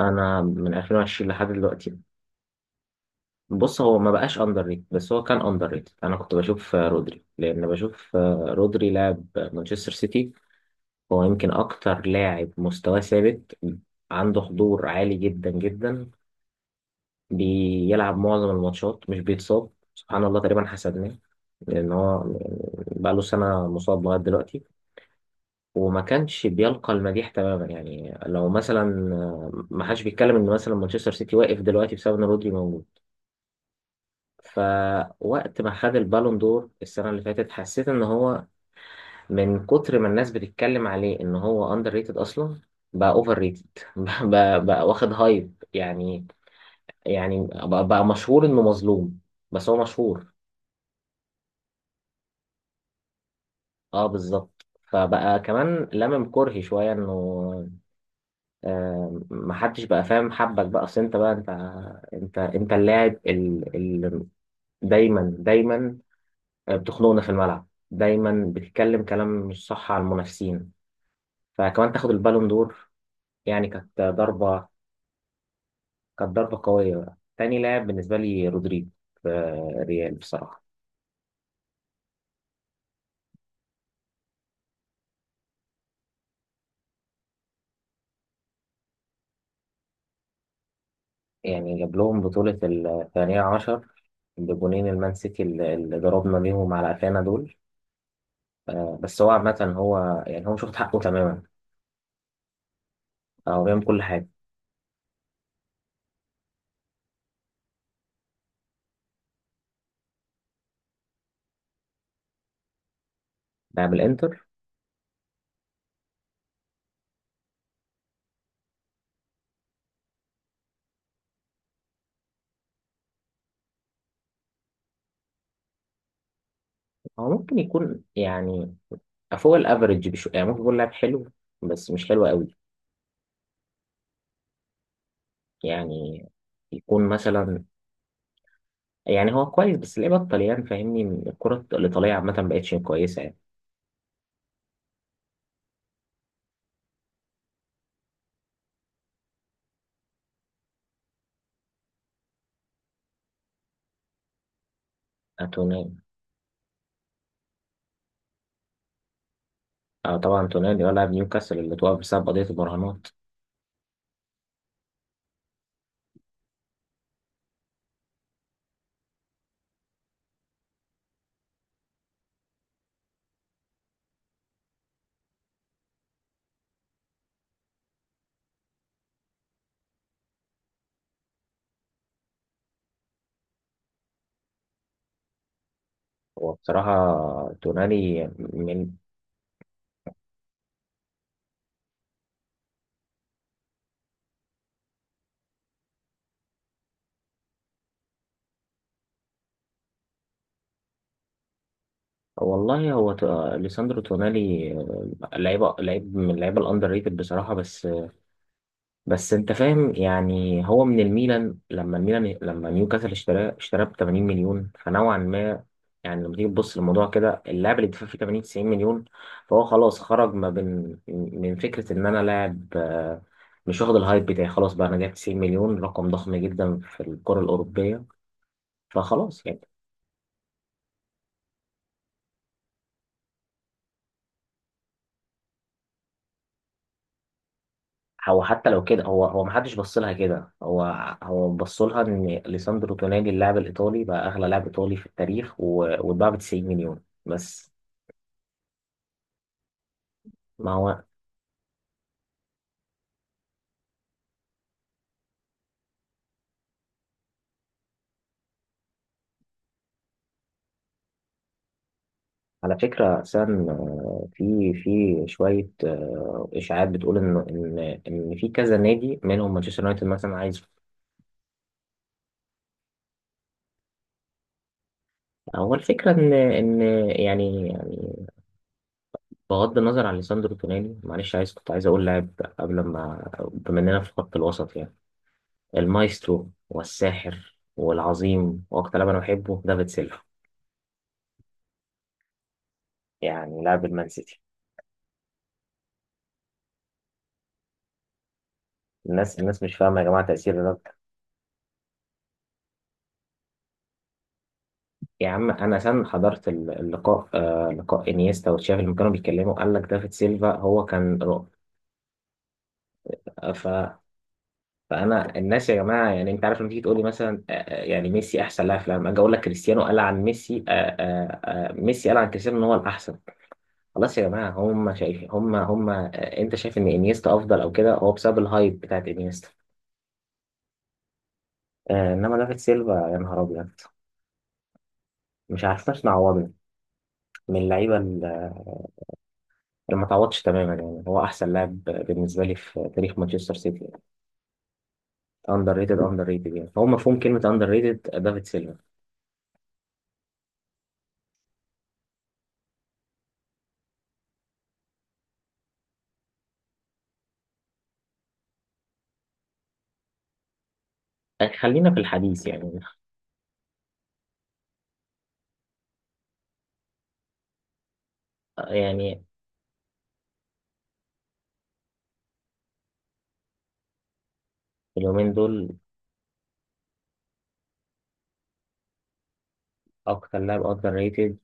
انا من 2020 لحد دلوقتي. بص، هو ما بقاش اندر ريت بس هو كان اندر ريت. انا كنت بشوف رودري، لان بشوف رودري لاعب مانشستر سيتي. هو يمكن اكتر لاعب مستواه ثابت، عنده حضور عالي جدا جدا، بيلعب معظم الماتشات، مش بيتصاب سبحان الله، تقريبا حسدناه. لان هو بقى له سنه مصاب لغايه دلوقتي وما كانش بيلقى المديح تماما. يعني لو مثلا، ما حدش بيتكلم ان مثلا مانشستر سيتي واقف دلوقتي بسبب ان رودري موجود. فوقت ما خد البالون دور السنة اللي فاتت، حسيت ان هو من كتر ما الناس بتتكلم عليه ان هو اندر ريتد اصلا، بقى اوفر ريتد. بقى واخد هايب يعني. يعني بقى مشهور انه مظلوم، بس هو مشهور. اه بالظبط، فبقى كمان لمم كرهي شوية انه، آه، محدش بقى فاهم حبك بقى. اصل انت بقى، انت اللاعب اللي دايما بتخنقنا في الملعب، دايما بتتكلم كلام مش صح على المنافسين، فكمان تاخد البالون دور. يعني كانت ضربة، كانت ضربة قوية. بقى تاني لاعب بالنسبة لي رودريجو في ريال بصراحة. يعني جاب لهم بطولة 12 بجونين المان سيتي اللي ضربنا بيهم على قفانا دول. بس هو عامة، هو يعني هو مش واخد حقه تماما، هو بيعمل كل حاجة. لاعب الانتر هو ممكن يكون يعني فوق الافريج بشو، يعني ممكن يكون لاعب حلو بس مش حلو قوي. يعني يكون مثلا، يعني هو كويس بس ليه بطل، يعني فاهمني؟ الكرة الإيطالية عامة مبقتش كويسة يعني. أتوني؟ آه طبعا، تونالي ولا نيوكاسل اللي توقف بسبب قضية المراهنات. هو بصراحة تونالي من، والله هو ليساندرو تونالي لعيبة لعيب من اللعيبة الأندر ريتد بصراحة، بس، بس انت فاهم يعني؟ هو من الميلان، لما الميلان، لما نيوكاسل اشتراه، اشتراه ب 80 مليون، فنوعا ما يعني لما تيجي تبص للموضوع كده، اللاعب اللي دفع فيه 80 90 مليون، فهو خلاص خرج ما بين، من فكره ان انا لاعب مش واخد الهايب بتاعي، خلاص بقى انا جايب 90 مليون، رقم ضخم جدا في الكره الاوروبيه، فخلاص يعني. هو حتى لو كده، هو ما حدش بص لها كده. هو هو بص لها ان ليساندرو تونالي اللاعب الايطالي بقى اغلى لاعب ايطالي في التاريخ و- واتباع ب 90 مليون، بس. ما هو على فكرة أساسا، في شوية إشاعات بتقول إن إن في كذا نادي منهم مانشستر يونايتد مثلا عايز. هو الفكرة إن، يعني بغض النظر عن ليساندرو تونالي، معلش عايز، كنت عايز أقول لاعب قبل، ما بما إننا في خط الوسط يعني، المايسترو والساحر والعظيم وأكتر لاعب أنا بحبه، دافيد سيلفا، يعني لاعب المان سيتي. الناس مش فاهمة يا جماعة تأثير. يا عم انا سام حضرت ال- اللقاء، آه لقاء انيستا وتشافي لما كانوا بيتكلموا، قال لك دافيد سيلفا هو كان رعب. ف، فانا، الناس يا جماعه، يعني انت عارف لما تيجي تقول لي مثلا، يعني ميسي احسن لاعب في العالم، اجي اقول لك كريستيانو قال عن ميسي آه، ميسي قال عن كريستيانو ان هو الاحسن. خلاص يا جماعه، هم شايفين، هم انت شايف ان انيستا افضل او كده هو بسبب الهايب بتاعت انيستا. انما دافيد سيلفا يا نهار ابيض، مش عارفناش نعوضه من اللعيبه. ما تعوضش تماما، يعني هو احسن لاعب بالنسبه لي في تاريخ مانشستر سيتي. اندر ريتد، اندر ريتد يعني، فهو مفهوم كلمه اندر ريتد، دافيد سيلفا. خلينا في الحديث يعني، يعني اليومين دول اكتر لاعب اندر ريتد،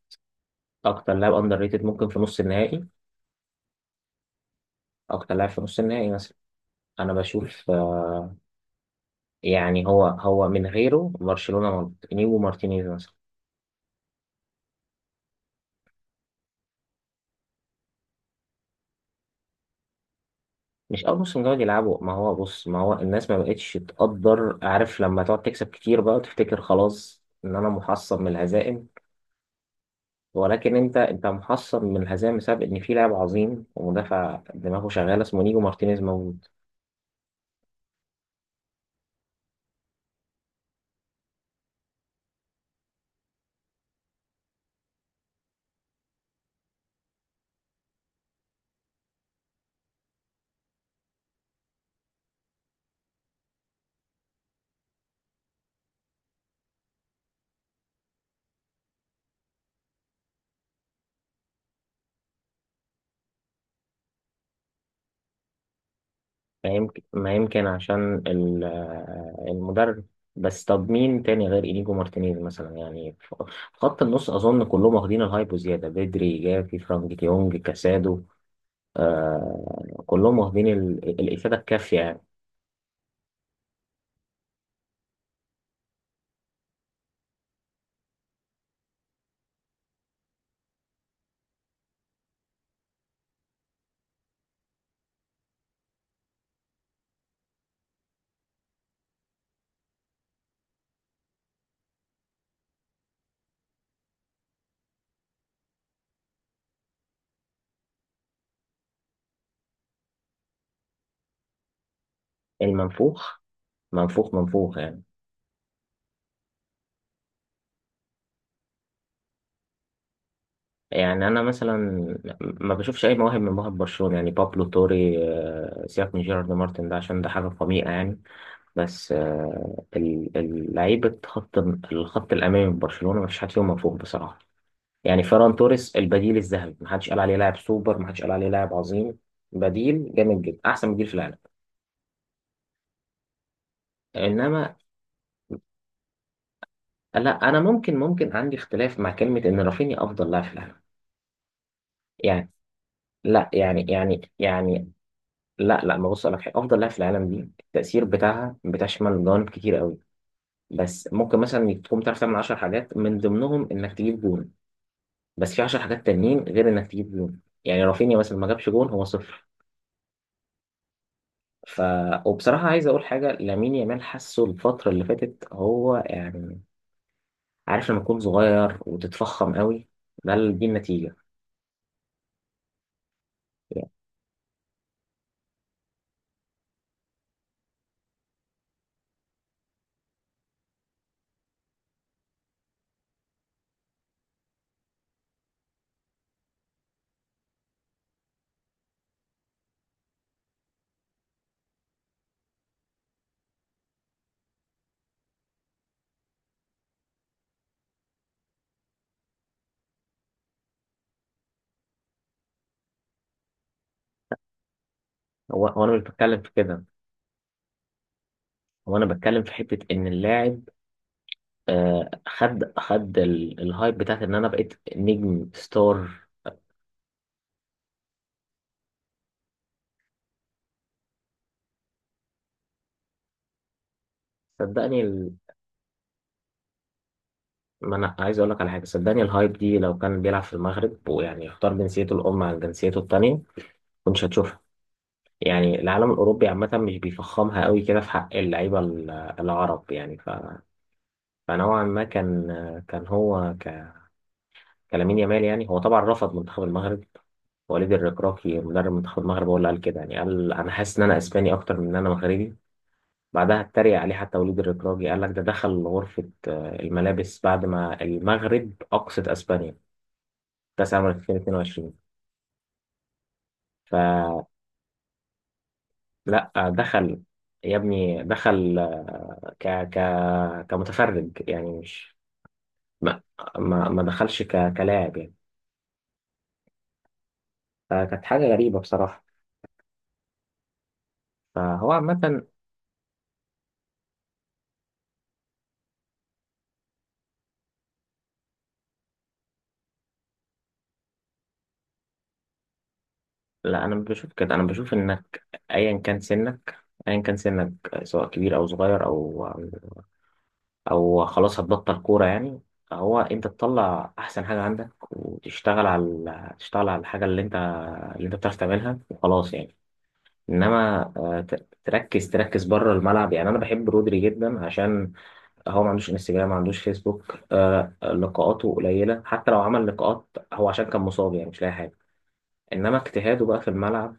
اكتر لاعب اندر ريتد ممكن في نص النهائي، اكتر لاعب في نص النهائي مثلا. انا بشوف يعني هو، هو من غيره برشلونه مالت، نيجو مارتينيز مثلا. مش اول موسم جاي يلعبوا، ما هو بص، ما هو الناس ما بقتش تقدر، عارف لما تقعد تكسب كتير بقى وتفتكر خلاص ان انا محصن من الهزائم، ولكن انت، انت محصن من الهزيمه بسبب ان في لاعب عظيم ومدافع دماغه شغاله اسمه نيجو مارتينيز موجود. ما يمكن عشان ال- المدرب. بس طب مين تاني غير انيجو مارتينيز مثلا يعني، ف- في خط النص، اظن كلهم واخدين الهايب وزياده، بدري، جافي، فرانك ديونج، كاسادو. آه كلهم واخدين ال- الافاده الكافيه يعني. المنفوخ، منفوخ يعني؟ يعني انا مثلا ما بشوفش اي مواهب من مواهب برشلونه يعني، بابلو توري، سيبك من جيرارد مارتن ده عشان ده حاجه قميئه يعني. بس، ال- ال- لعيبه خط، الخط الامامي من برشلونه ما فيش حد فيهم منفوخ بصراحه. يعني فيران توريس البديل الذهبي، ما حدش قال عليه لاعب سوبر، ما حدش قال عليه لاعب عظيم، بديل جامد جدا، احسن بديل في العالم. انما، لا انا ممكن، ممكن عندي اختلاف مع كلمه ان رافينيا افضل لاعب في العالم يعني. لا، يعني، لا لا، ما، بص لك حاجة، أفضل لاعب في العالم دي التأثير بتاعها بتشمل جوانب كتير قوي. بس ممكن مثلا تقوم تعرف تعمل 10 حاجات من ضمنهم إنك تجيب جون، بس في 10 حاجات تانيين غير إنك تجيب جون. يعني رافينيا مثلا ما جابش جون، هو صفر. ف، وبصراحة عايز أقول حاجة، لامين يامال حاسه الفترة اللي فاتت هو يعني، عارف لما تكون صغير وتتفخم قوي، ده ال-، دي النتيجة يعني. هو أنا مش بتكلم في كده، هو أنا بتكلم في حتة إن اللاعب، خد ال- الهايب بتاعت ان انا بقيت نجم ستار. صدقني ال...، ما انا عايز اقول لك على حاجه، صدقني الهايب دي لو كان بيلعب في المغرب ويعني اختار جنسيته الام عن جنسيته التانية، كنتش هتشوفها. يعني العالم الاوروبي عامه مش بيفخمها قوي كده في حق اللعيبه ال- العرب يعني. ف...، فنوعا ما كان، كان هو ك...، كلامين يامال، يعني هو طبعا رفض منتخب المغرب. وليد الركراكي مدرب منتخب المغرب هو اللي قال كده، يعني قال انا حاسس ان انا اسباني اكتر من ان انا مغربي. بعدها اتريق عليه حتى وليد الركراجي، قال لك ده دخل غرفة الملابس بعد ما المغرب أقصت أسبانيا كأس العالم 2022. فلا، دخل، يا ابني دخل، ك ك كمتفرج يعني، مش، ما، ما دخلش ك كلاعب يعني. فكانت حاجة غريبة بصراحة. فهو عامة، لا أنا بشوف كده. أنا بشوف إنك أيا كان سنك، أيا كان سنك سواء كبير أو صغير أو او خلاص هتبطل كوره يعني، هو انت تطلع احسن حاجه عندك وتشتغل على، تشتغل على الحاجه اللي انت، اللي انت بتعرف تعملها وخلاص يعني. انما تركز بره الملعب يعني. انا بحب رودري جدا عشان هو ما عندوش انستجرام، ما عندوش فيسبوك، لقاءاته قليله، حتى لو عمل لقاءات هو عشان كان مصاب يعني، مش لاقي حاجه، انما اجتهاده بقى في الملعب.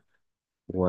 و...،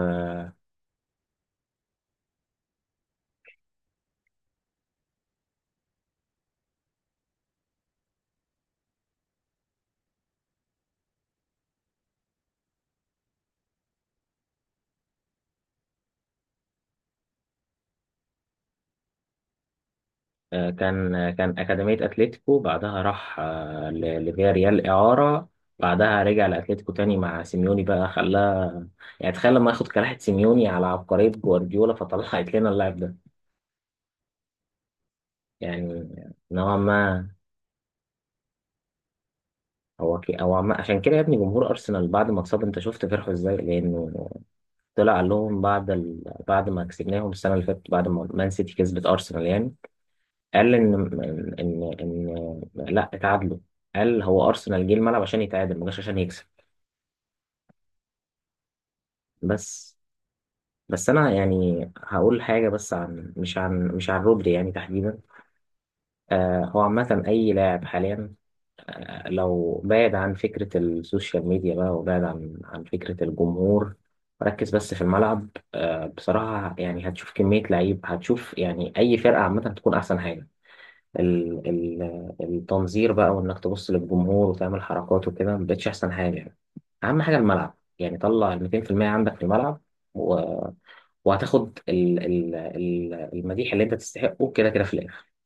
كان أكاديمية أتلتيكو، بعدها راح ل- لفياريال إعارة، بعدها رجع لأتلتيكو تاني مع سيميوني بقى خلاه، يعني تخيل لما ياخد كلاحة سيميوني على عبقرية جوارديولا، فطلعت لنا اللاعب ده يعني. نوعا ما، هو كي، هو عم...، عشان كده يا ابني جمهور أرسنال بعد ما اتصاب أنت شفت فرحه إزاي؟ لأنه طلع قال لهم بعد ال...، بعد ما كسبناهم السنة اللي فاتت، بعد ما مان سيتي كسبت أرسنال يعني، قال ان ان لا اتعادلوا، قال هو ارسنال جه الملعب عشان يتعادل ما جاش عشان يكسب، بس. بس انا يعني هقول حاجه بس عن، مش عن، مش عن رودري يعني تحديدا. آه هو عامه اي لاعب حاليا، آه لو بعد عن فكره السوشيال ميديا بقى وبعد عن فكره الجمهور، ركز بس في الملعب. آه بصراحه يعني هتشوف كميه لعيب، هتشوف يعني اي فرقه عامه هتكون احسن حاجه. ال- ال- التنظير بقى، وانك تبص للجمهور وتعمل حركات وكده ما بقتش احسن حاجه يعني. اهم حاجه الملعب يعني، طلع ال 200% عندك في الملعب، و...، وهتاخد ال...، ال...، ال- المديح اللي انت تستحقه كده كده في الاخر.